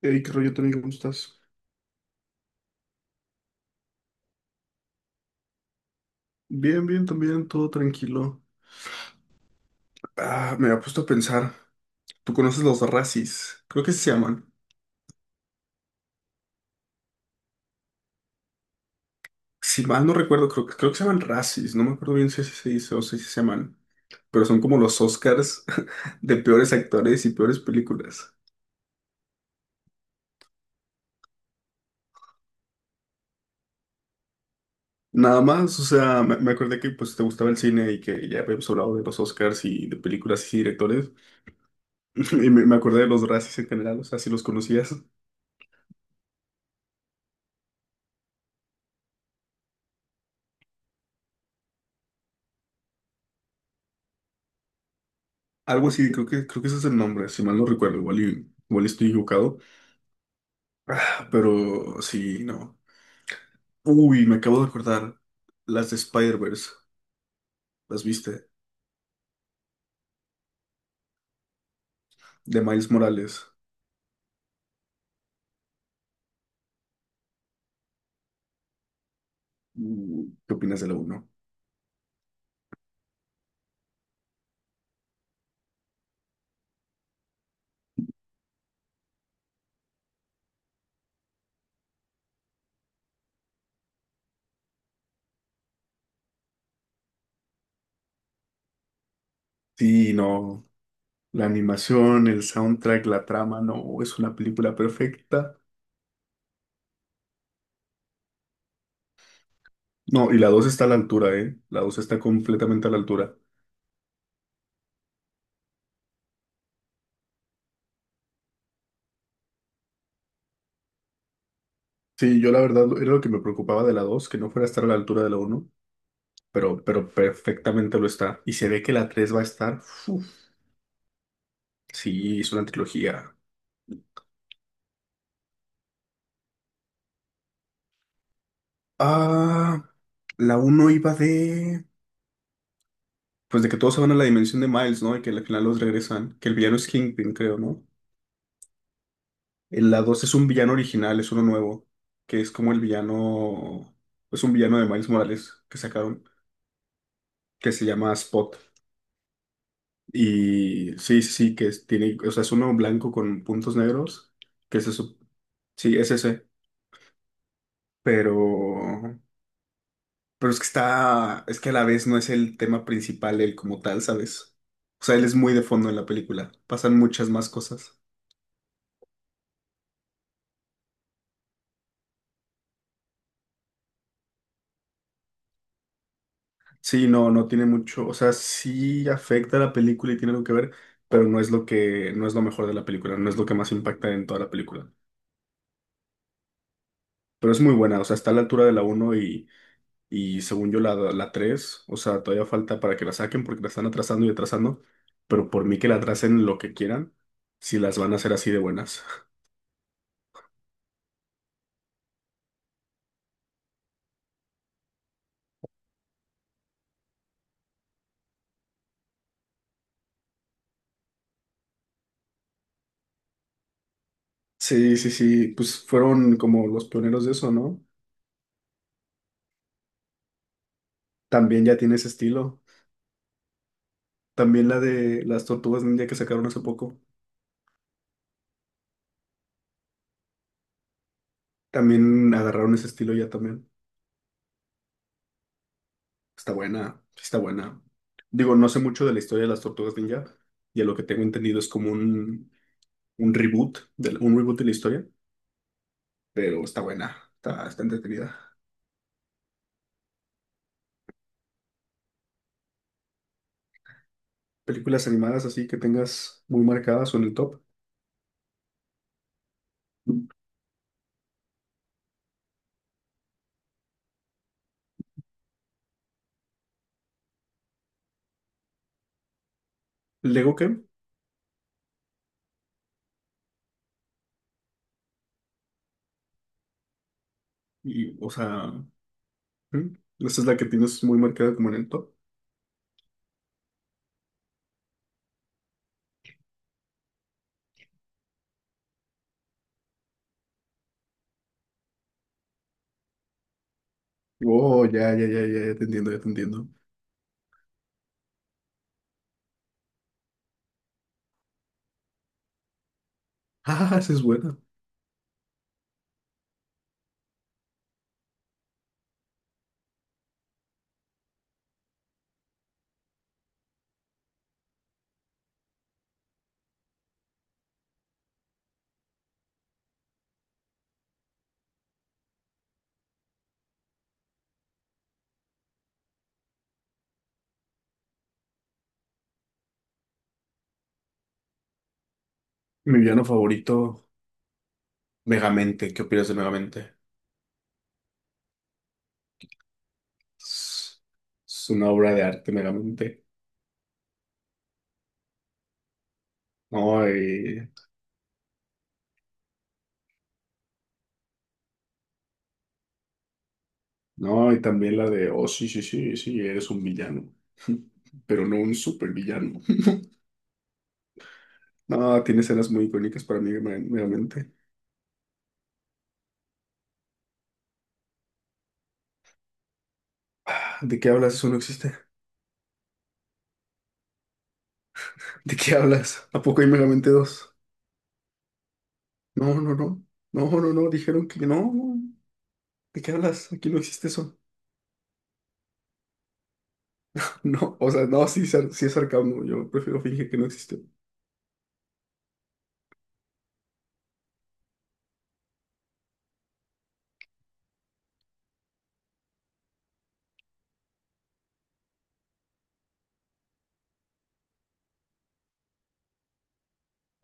Hey, qué rollo, Tony, ¿cómo estás? Bien, bien, también, todo tranquilo. Ah, me ha puesto a pensar. ¿Tú conoces los racis? Creo que se llaman. Si mal no recuerdo, creo que se llaman racis. No me acuerdo bien si así se dice o si así se llaman. Pero son como los Oscars de peores actores y peores películas. Nada más, o sea, me acordé que pues te gustaba el cine y que ya habíamos hablado de los Oscars y de películas y directores. Y me acordé de los racis en general, o sea, si los conocías. Algo así, creo que ese es el nombre, si mal no recuerdo, igual, igual estoy equivocado. Ah, pero sí, no. Uy, me acabo de acordar. Las de Spider-Verse, ¿las viste? De Miles Morales. ¿Qué opinas de la uno? Sí, no. La animación, el soundtrack, la trama, no, es una película perfecta. No, y la dos está a la altura, ¿eh? La dos está completamente a la altura. Sí, yo la verdad era lo que me preocupaba de la 2 que no fuera a estar a la altura de la uno, pero perfectamente lo está. Y se ve que la 3 va a estar. Uf, sí, es una trilogía. Ah, la uno iba de. Pues de que todos se van a la dimensión de Miles, ¿no? Y que al final los regresan. Que el villano es Kingpin, creo, ¿no? En la 2 es un villano original, es uno nuevo. Que es como el villano. Es un villano de Miles Morales que sacaron. Que se llama Spot. Y sí, sí, sí, tiene. O sea, es uno blanco con puntos negros. Que es eso. Sí, es ese. Pero. Pero es que está, es que a la vez no es el tema principal él como tal, ¿sabes? O sea, él es muy de fondo en la película. Pasan muchas más cosas. Sí, no, no tiene mucho, o sea, sí afecta a la película y tiene algo que ver, pero no es lo mejor de la película, no es lo que más impacta en toda la película. Pero es muy buena, o sea, está a la altura de la uno y según yo la tres, o sea, todavía falta para que la saquen porque la están atrasando y atrasando, pero por mí que la atrasen lo que quieran, si las van a hacer así de buenas. Sí, sí, sí, pues fueron como los pioneros de eso, ¿no? También ya tiene ese estilo. También la de las tortugas ninja que sacaron hace poco. También agarraron ese estilo ya también. Está buena, sí está buena. Digo, no sé mucho de la historia de las tortugas ninja y a lo que tengo entendido es como un un reboot de la historia, pero está buena, está entretenida. Películas animadas así que tengas muy marcadas o en el top. ¿Lego qué? Y, o sea, ¿hmm? Esa es la que tienes muy marcada como en el top. Oh, ya, ya, ya, ya, ya te entiendo, ya te entiendo. Ah, esa es buena. Mi villano favorito, Megamente. ¿Qué opinas de Megamente? Es es una obra de arte, Megamente. No, y, no, y también la de, oh, sí, sí, sí, sí, eres un villano. Pero no un supervillano. No, tiene escenas muy icónicas para mí, Megamente. Ah, ¿De qué hablas? Eso no existe. ¿De qué hablas? ¿A poco hay Megamente dos? No, no, no. No, no, no. Dijeron que no. ¿De qué hablas? Aquí no existe eso. No, o sea, no, sí, sí es sarcasmo. Yo prefiero fingir que no existe.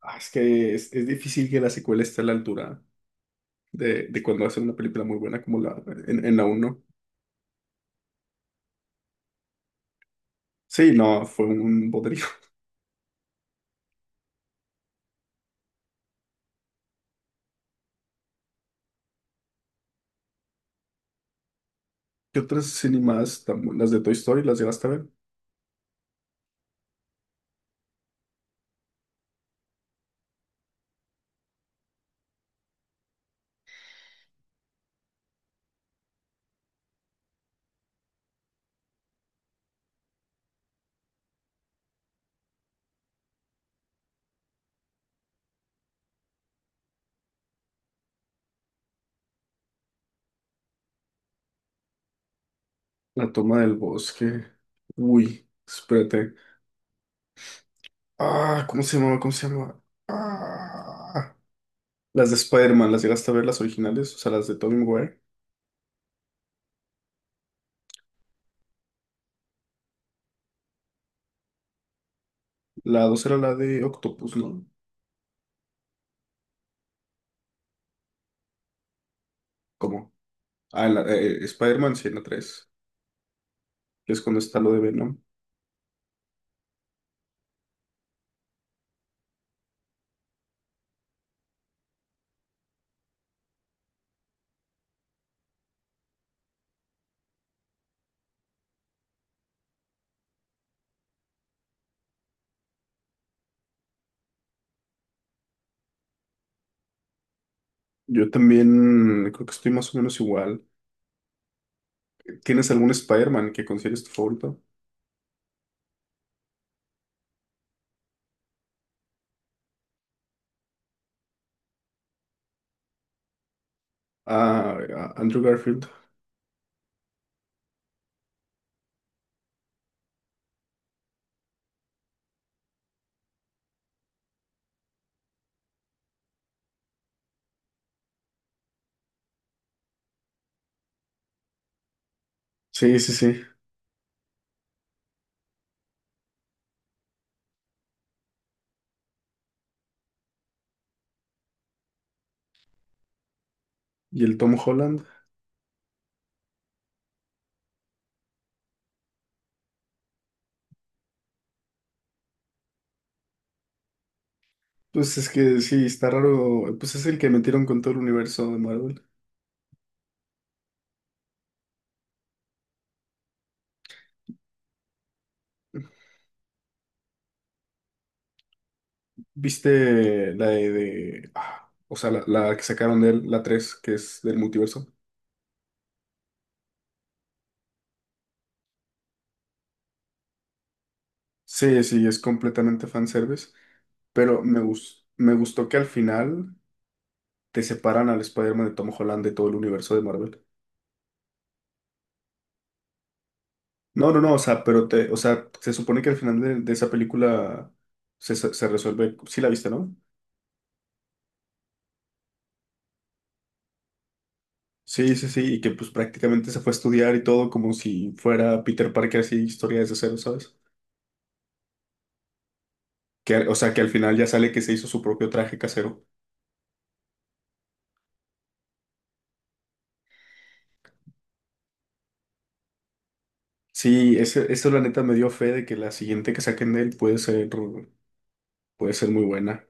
Ah, es que es difícil que la secuela esté a la altura de cuando hacen una película muy buena como la en la uno. Sí, no, fue un bodrio. ¿Qué otras animadas están buenas? Las de Toy Story, las llegaste a ver. La toma del bosque. Uy, espérate. Ah, ¿cómo se llamaba? ¿Cómo se llamaba? Ah, las de Spider-Man, las llegaste a ver, las originales, o sea, las de Tobey Maguire. La 2 era la de Octopus, ¿no? ¿Cómo? Ah, Spider-Man, sí, en la 3. Que es cuando está lo de Venom. Yo también creo que estoy más o menos igual. ¿Tienes algún Spider-Man que consideres tu favorito? Ah, Andrew Garfield. Sí, sí, sí. ¿Y el Tom Holland? Pues es que sí, está raro. Pues es el que metieron con todo el universo de Marvel. ¿Viste o sea, la que sacaron de él, la 3 que es del multiverso? Sí, sí, es completamente fanservice. Pero me gustó que al final te separan al Spider-Man de Tom Holland de todo el universo de Marvel. No, no, no, o sea, o sea, se supone que al final de esa película se resuelve, sí la viste, ¿no? Sí, sí, sí, y que pues prácticamente se fue a estudiar y todo como si fuera Peter Parker así, historia desde cero, ¿sabes? Que, o sea, que al final ya sale que se hizo su propio traje casero. Sí, eso la neta me dio fe de que la siguiente que saquen de él puede ser muy buena.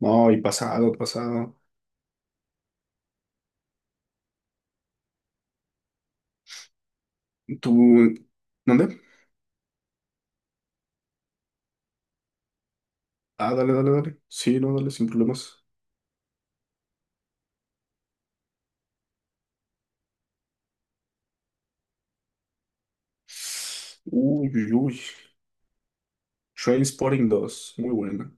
No, y pasado, pasado. ¿Tú, dónde? Ah, dale, dale, dale. Sí, no, dale, sin problemas. Uy, uy, uy. Trainspotting dos, muy buena.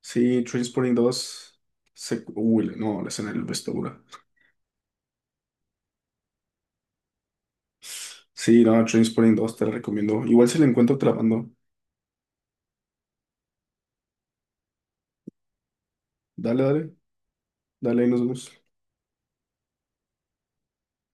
Sí, Trainspotting dos uy, no, la escena del vestidura. Sí, no, Trainspotting dos te la recomiendo. Igual si la encuentro, te. Dale, dale, dale, ahí nos vemos.